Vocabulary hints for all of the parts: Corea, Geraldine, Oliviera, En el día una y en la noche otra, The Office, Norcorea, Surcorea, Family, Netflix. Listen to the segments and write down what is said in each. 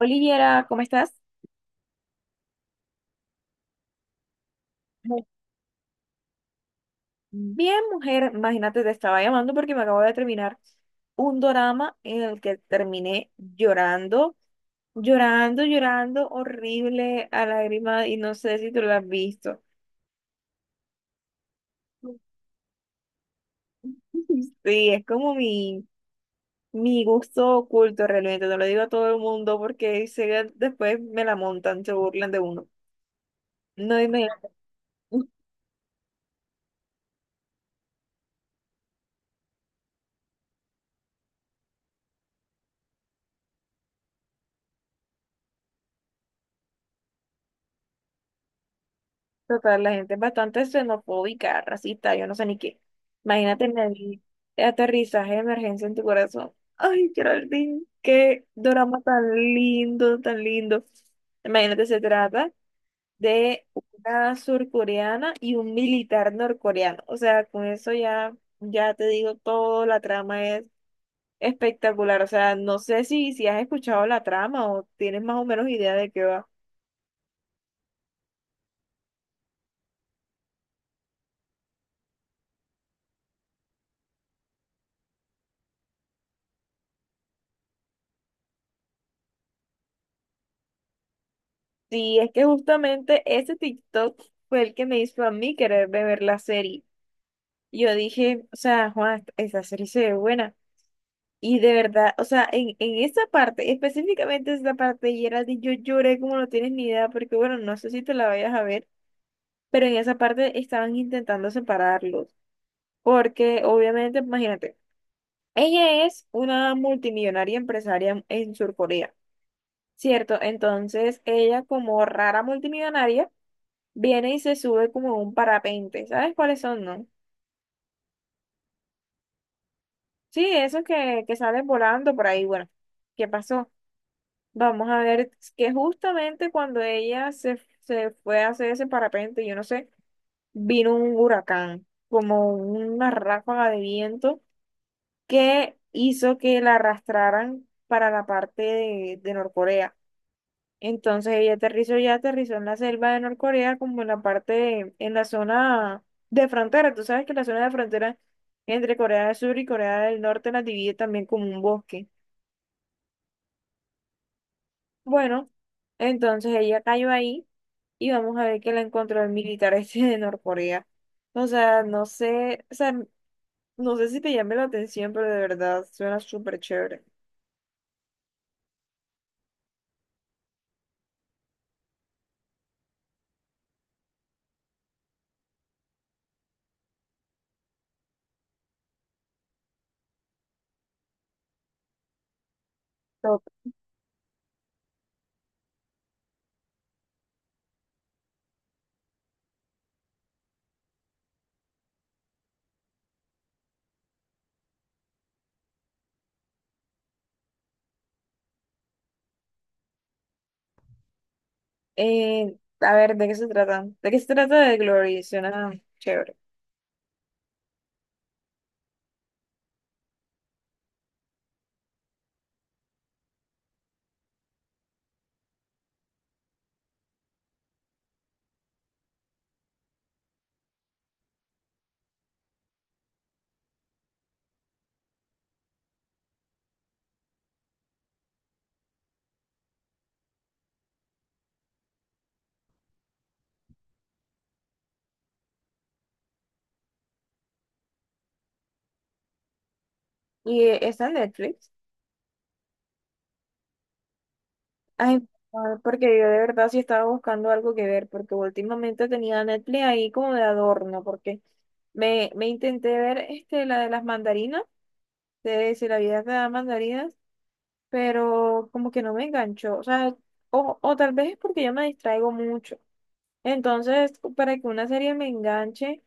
Oliviera, ¿cómo estás? Muy bien, mujer, imagínate, te estaba llamando porque me acabo de terminar un dorama en el que terminé llorando, llorando, llorando, horrible, a lágrima, y no sé si tú lo has visto. Sí, es como mi gusto oculto realmente, no lo digo a todo el mundo porque sé que después me la montan, se burlan de uno. No dime. Total, la gente es bastante xenofóbica, racista, yo no sé ni qué. Imagínate en el aterrizaje de emergencia en tu corazón. Ay, Geraldine, qué drama tan lindo, tan lindo. Imagínate, se trata de una surcoreana y un militar norcoreano. O sea, con eso ya, ya te digo todo, la trama es espectacular. O sea, no sé si has escuchado la trama o tienes más o menos idea de qué va. Sí, es que justamente ese TikTok fue el que me hizo a mí querer de ver la serie. Y yo dije, o sea, Juan, esa serie se ve buena. Y de verdad, o sea, en esa parte, específicamente esa parte, de Geraldine, yo lloré como no tienes ni idea, porque bueno, no sé si te la vayas a ver, pero en esa parte estaban intentando separarlos. Porque obviamente, imagínate, ella es una multimillonaria empresaria en Surcorea, ¿cierto? Entonces, ella como rara multimillonaria viene y se sube como a un parapente. ¿Sabes cuáles son, no? Sí, esos que salen volando por ahí. Bueno, ¿qué pasó? Vamos a ver que justamente cuando ella se fue a hacer ese parapente, yo no sé, vino un huracán, como una ráfaga de viento que hizo que la arrastraran para la parte de Norcorea. Entonces ella aterrizó ya, aterrizó en la selva de Norcorea, como en la parte, en la zona de frontera. Tú sabes que la zona de frontera entre Corea del Sur y Corea del Norte la divide también como un bosque. Bueno, entonces ella cayó ahí y vamos a ver que la encontró el militar este de Norcorea. O sea, no sé, o sea, no sé si te llame la atención, pero de verdad suena súper chévere. Top. A ver, ¿de qué se trata? ¿De qué se trata de Glory? Suena chévere. Y está en Netflix. Ay, no, porque yo de verdad sí estaba buscando algo que ver, porque últimamente tenía Netflix ahí como de adorno, porque me intenté ver este, la de las mandarinas, de si la vida te da mandarinas, pero como que no me enganchó, o sea, o tal vez es porque yo me distraigo mucho. Entonces, para que una serie me enganche,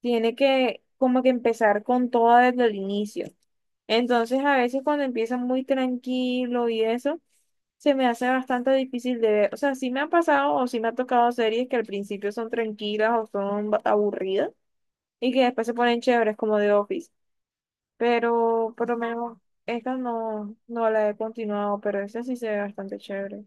tiene que como que empezar con toda desde el inicio. Entonces, a veces cuando empieza muy tranquilo y eso se me hace bastante difícil de ver. O sea, sí me han pasado o sí me ha tocado series que al principio son tranquilas o son aburridas y que después se ponen chéveres como The Office. Pero por lo menos esta no la he continuado, pero esta sí se ve bastante chévere.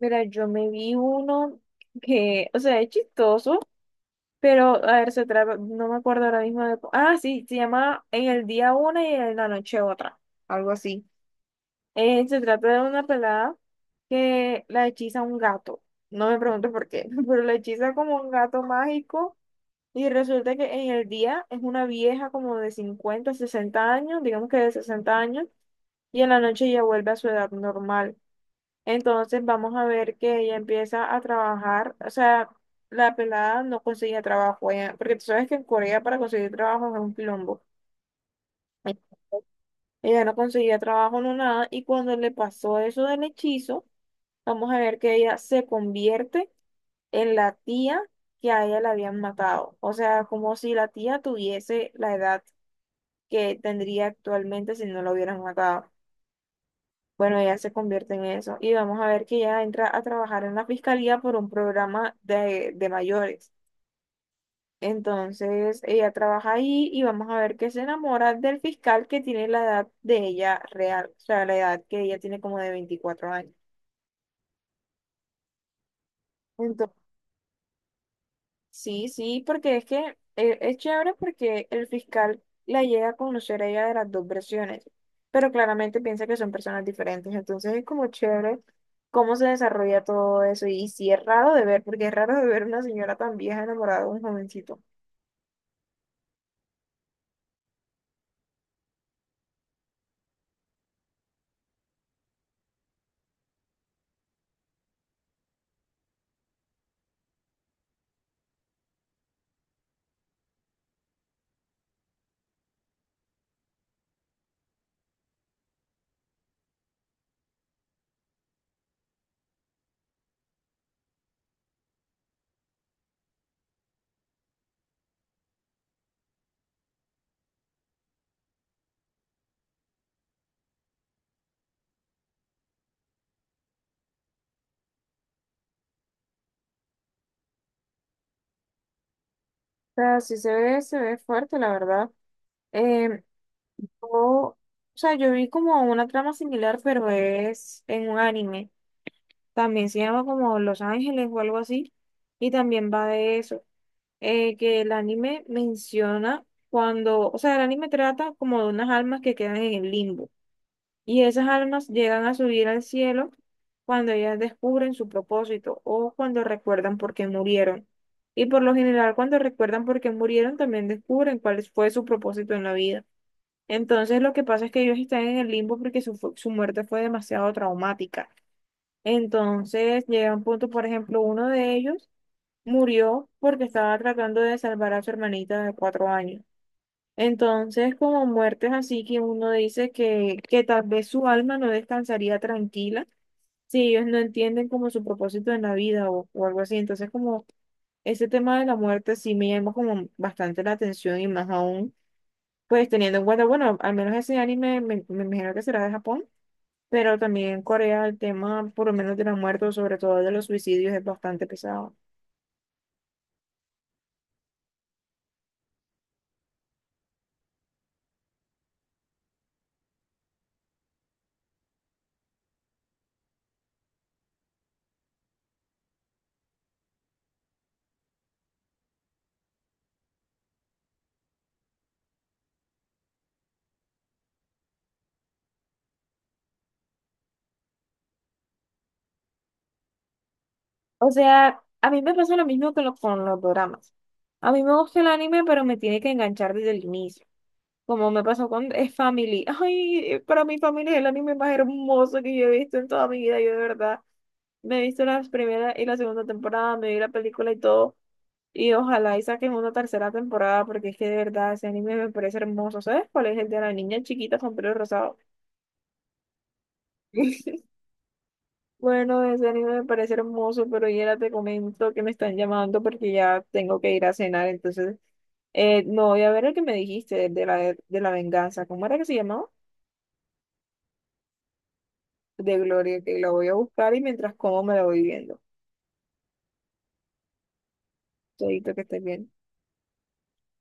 Mira, yo me vi uno que, o sea, es chistoso, pero a ver, se trata, no me acuerdo ahora mismo de... Ah, sí, se llama En el día una y en la noche otra, algo así. Se trata de una pelada que la hechiza un gato. No me pregunto por qué, pero la hechiza como un gato mágico y resulta que en el día es una vieja como de 50 60 años, digamos que de 60 años, y en la noche ella vuelve a su edad normal. Entonces vamos a ver que ella empieza a trabajar, o sea, la pelada no conseguía trabajo, ella- porque tú sabes que en Corea para conseguir trabajo es un quilombo. Ella no conseguía trabajo, no nada, y cuando le pasó eso del hechizo, vamos a ver que ella se convierte en la tía que a ella la habían matado. O sea, como si la tía tuviese la edad que tendría actualmente si no la hubieran matado. Bueno, ella se convierte en eso. Y vamos a ver que ella entra a trabajar en la fiscalía por un programa de mayores. Entonces, ella trabaja ahí y vamos a ver que se enamora del fiscal que tiene la edad de ella real, o sea, la edad que ella tiene como de 24 años. Sí, sí, porque es que es chévere porque el fiscal la llega a conocer a ella de las dos versiones, pero claramente piensa que son personas diferentes, entonces es como chévere cómo se desarrolla todo eso y sí es raro de ver, porque es raro de ver una señora tan vieja enamorada de un jovencito. O sea, sí se ve fuerte, la verdad. Em, o sea, yo vi como una trama similar, pero es en un anime. También se llama como Los Ángeles o algo así. Y también va de eso. Que el anime menciona cuando, o sea, el anime trata como de unas almas que quedan en el limbo y esas almas llegan a subir al cielo cuando ellas descubren su propósito o cuando recuerdan por qué murieron. Y por lo general, cuando recuerdan por qué murieron, también descubren cuál fue su propósito en la vida. Entonces, lo que pasa es que ellos están en el limbo porque su muerte fue demasiado traumática. Entonces, llega un punto, por ejemplo, uno de ellos murió porque estaba tratando de salvar a su hermanita de 4 años. Entonces, como muertes así que uno dice que tal vez su alma no descansaría tranquila si ellos no entienden como su propósito en la vida o algo así. Entonces, como ese tema de la muerte sí me llama como bastante la atención y más aún, pues teniendo en cuenta, bueno, al menos ese anime me imagino que será de Japón, pero también en Corea el tema por lo menos de la muerte o sobre todo de los suicidios es bastante pesado. O sea, a mí me pasa lo mismo que lo- con los doramas. A mí me gusta el anime, pero me tiene que enganchar desde el inicio. Como me pasó con Family. Ay, para mi familia es el anime más hermoso que yo he visto en toda mi vida. Yo de verdad me he visto las primeras y la segunda temporada, me vi la película y todo. Y ojalá y saquen una tercera temporada, porque es que de verdad ese anime me parece hermoso. ¿Sabes cuál es el de la niña chiquita con pelo rosado? Bueno, ese anime me parece hermoso, pero ya te comento que me están llamando porque ya tengo que ir a cenar, entonces no voy a ver el que me dijiste de la venganza. ¿Cómo era que se llamaba? De Gloria, que la voy a buscar y mientras como me la voy viendo. Todito que estés bien.